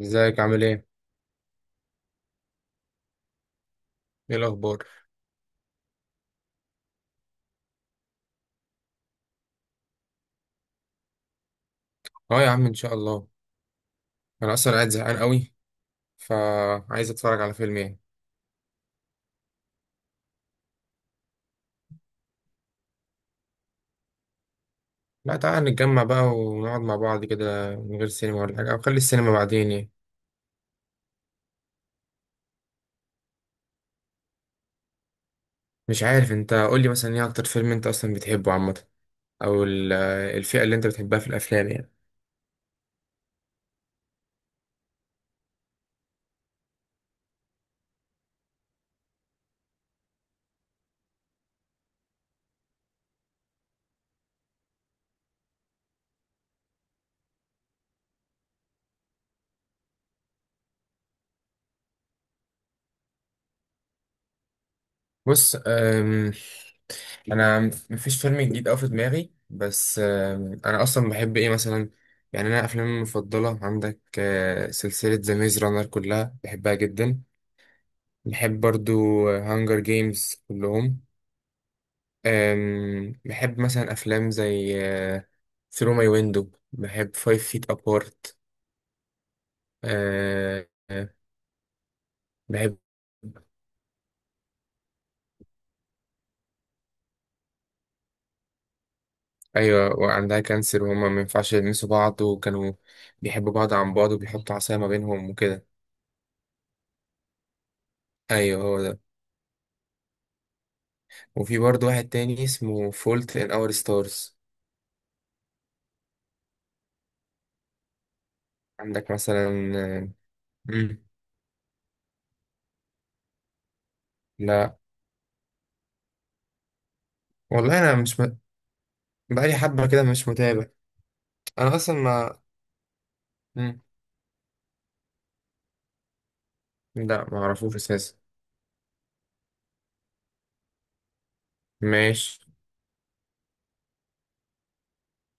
ازيك عامل ايه؟ ايه الأخبار؟ اه يا عم، إن شاء الله. أنا أصلا قاعد زهقان قوي، فعايز أتفرج على فيلم ايه؟ لا تعالى نتجمع بقى ونقعد مع بعض كده من غير سينما ولا حاجة، أو خلي السينما بعدين يعني. مش عارف، أنت قولي مثلا ايه أكتر فيلم أنت أصلا بتحبه عامة، أو الفئة اللي أنت بتحبها في الأفلام يعني. بص، أنا مفيش فيلم جديد أوي في دماغي، بس أنا أصلا بحب ايه مثلا. يعني أنا أفلامي المفضلة عندك سلسلة ذا ميز رانر كلها بحبها جدا. بحب برضو هانجر جيمز كلهم. بحب مثلا أفلام زي ثرو ماي ويندو، بحب فايف فيت أبارت. بحب. أيوة، وعندها كانسر وهما ما ينفعش يلمسوا بعض، وكانوا بيحبوا بعض عن بعض وبيحطوا عصاية ما بينهم وكده. أيوة هو ده. وفي برضو واحد تاني اسمه فولت إن أور ستارز. عندك مثلا؟ آه، مم. لا. والله أنا مش بقالي حبة كده مش متابع. أنا أصلا ما. مم. لا معرفوش اساسا. ماشي.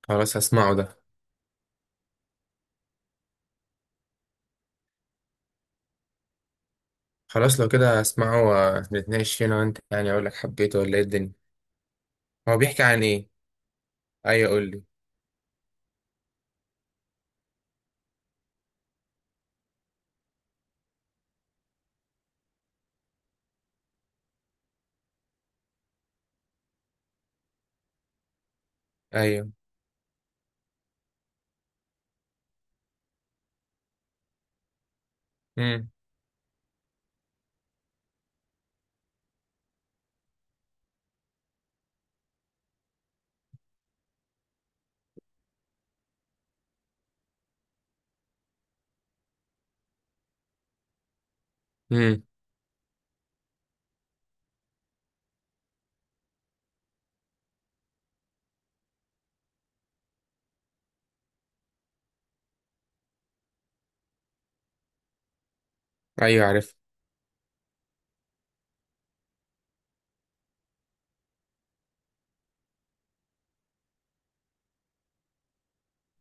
خلاص هسمعه ده. خلاص لو كده هسمعه، ونتناقش فيه انا وانت يعني، اقول لك حبيته ولا ايه الدنيا. هو بيحكي عن ايه؟ ايوه قول لي. ايوه. امم. امم. ايوه عارف.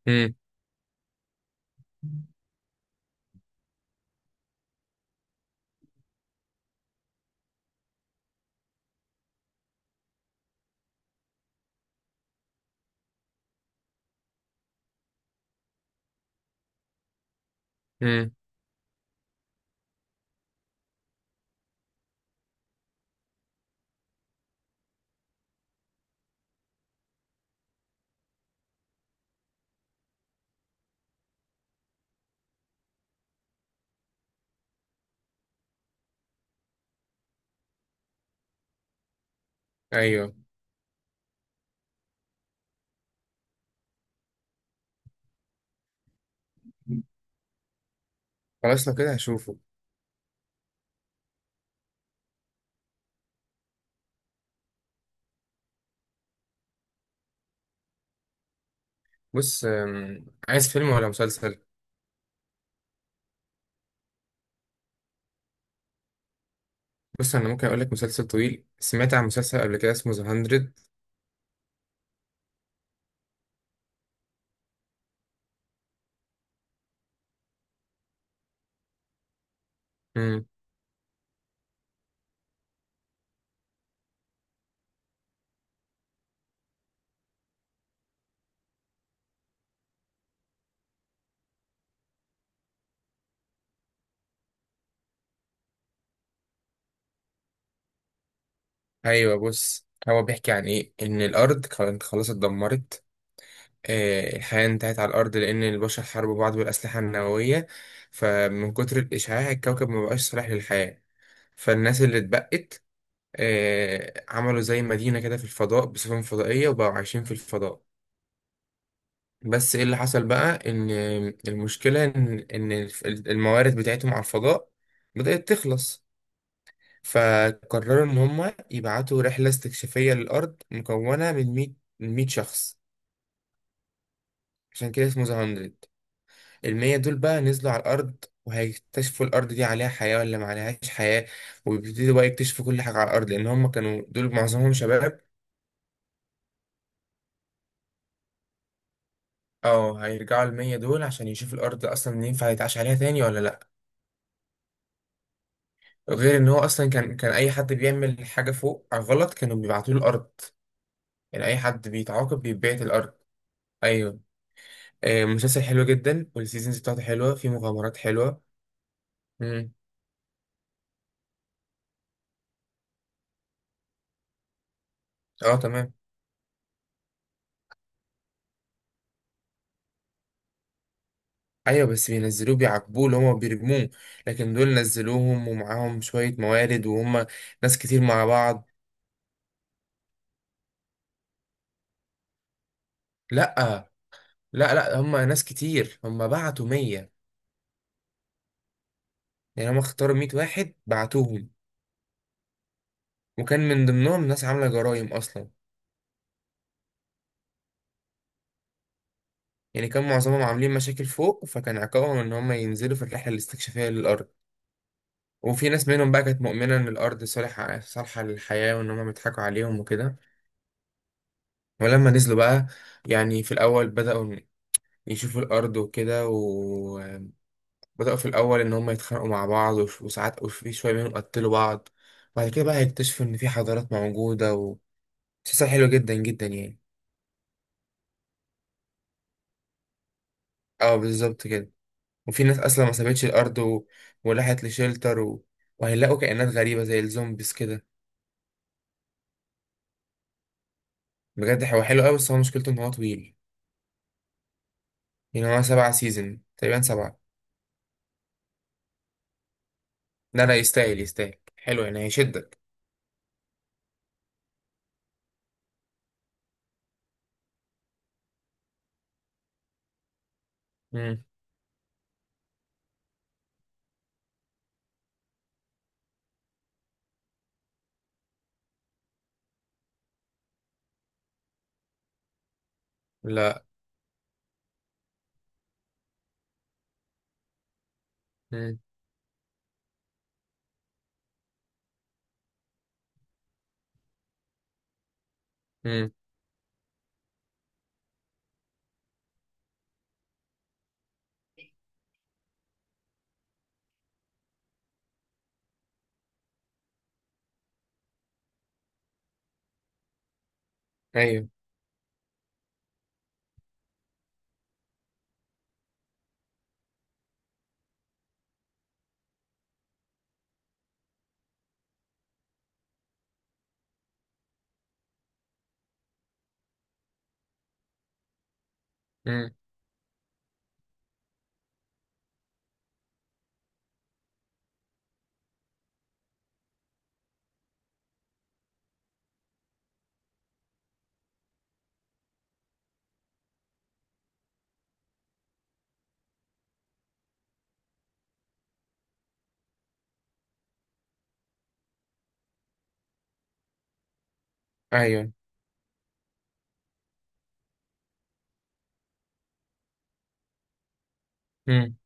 امم. امم. ايوه. خلاص لو كده هشوفه. بص، عايز فيلم ولا مسلسل؟ بص انا ممكن اقول لك مسلسل طويل. سمعت عن مسلسل قبل كده اسمه ذا 100. امم. ايوه، بص هو بيحكي عن ايه ان الارض كانت خلاص اتدمرت. الحياة انتهت على الأرض لأن البشر حاربوا بعض بالأسلحة النووية، فمن كتر الإشعاع الكوكب ما بقاش صالح للحياة. فالناس اللي اتبقت عملوا زي مدينة كده في الفضاء بسفن فضائية، وبقوا عايشين في الفضاء. بس إيه اللي حصل بقى؟ إن المشكلة إن الموارد بتاعتهم على الفضاء بدأت تخلص. فقرروا إن هما يبعتوا رحلة استكشافية للأرض مكونة من 100 شخص. عشان كده اسمه ذا. المية دول بقى نزلوا على الأرض، وهيكتشفوا الأرض دي عليها حياة ولا ما عليهاش حياة، ويبتدوا بقى يكتشفوا كل حاجة على الأرض، لأن هم كانوا دول معظمهم شباب. اه هيرجعوا المية دول عشان يشوفوا الأرض أصلا ينفع يتعاش عليها تاني ولا لأ. غير إن هو أصلا كان أي حد بيعمل حاجة فوق غلط كانوا بيبعتوه الأرض. يعني أي حد بيتعاقب بيتبعت الأرض. أيوه. مسلسل حلو جدا والسيزونز بتاعته حلوة، فيه مغامرات حلوة. مم. اه تمام. ايوه بس بينزلوه بيعاقبوه اللي هما بيرموه. لكن دول نزلوهم ومعاهم شوية موارد، وهم ناس كتير مع بعض. لا لا لا، هم ناس كتير، هم بعتوا 100. يعني هم اختاروا 100 واحد بعتوهم. وكان من ضمنهم ناس عاملة جرائم اصلا. يعني كان معظمهم عاملين مشاكل فوق، فكان عقابهم ان هم ينزلوا في الرحلة الاستكشافية للأرض. وفي ناس منهم بقى كانت مؤمنة ان الأرض صالحة صالحة للحياة وان هم بيضحكوا عليهم وكده. ولما نزلوا بقى، يعني في الأول بدأوا يشوفوا الأرض وكده. وبدأوا في الأول إن هم يتخانقوا مع بعض وساعات وفي شوية منهم قتلوا بعض. بعد كده بقى هيكتشفوا إن في حضارات موجودة مسلسل حلو جدا جدا يعني. اه بالظبط كده. وفي ناس أصلا ما سابتش الأرض وراحت لشيلتر وهيلاقوا كائنات غريبة زي الزومبيز كده. بجد هو حلو أوي، بس هو مشكلته إن هو طويل. يعني هو 7 سيزون تقريبا، 7. لا لا يستاهل يستاهل، حلو يعني هيشدك. مم. لا. مم. مم. أيوه. مم. أيوه. مم.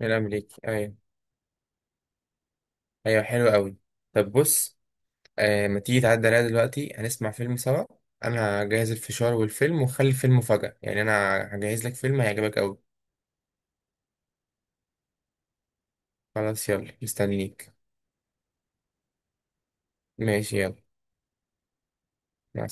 من الأمريكي أيوة. أيوة حلو أوي. طب بص، آه ما تيجي تعدي عليا دلوقتي هنسمع فيلم سوا. أنا هجهز الفشار والفيلم، وخلي الفيلم مفاجأة، يعني أنا هجهز لك فيلم هيعجبك أوي. خلاص يلا مستنيك. ماشي يلا. مع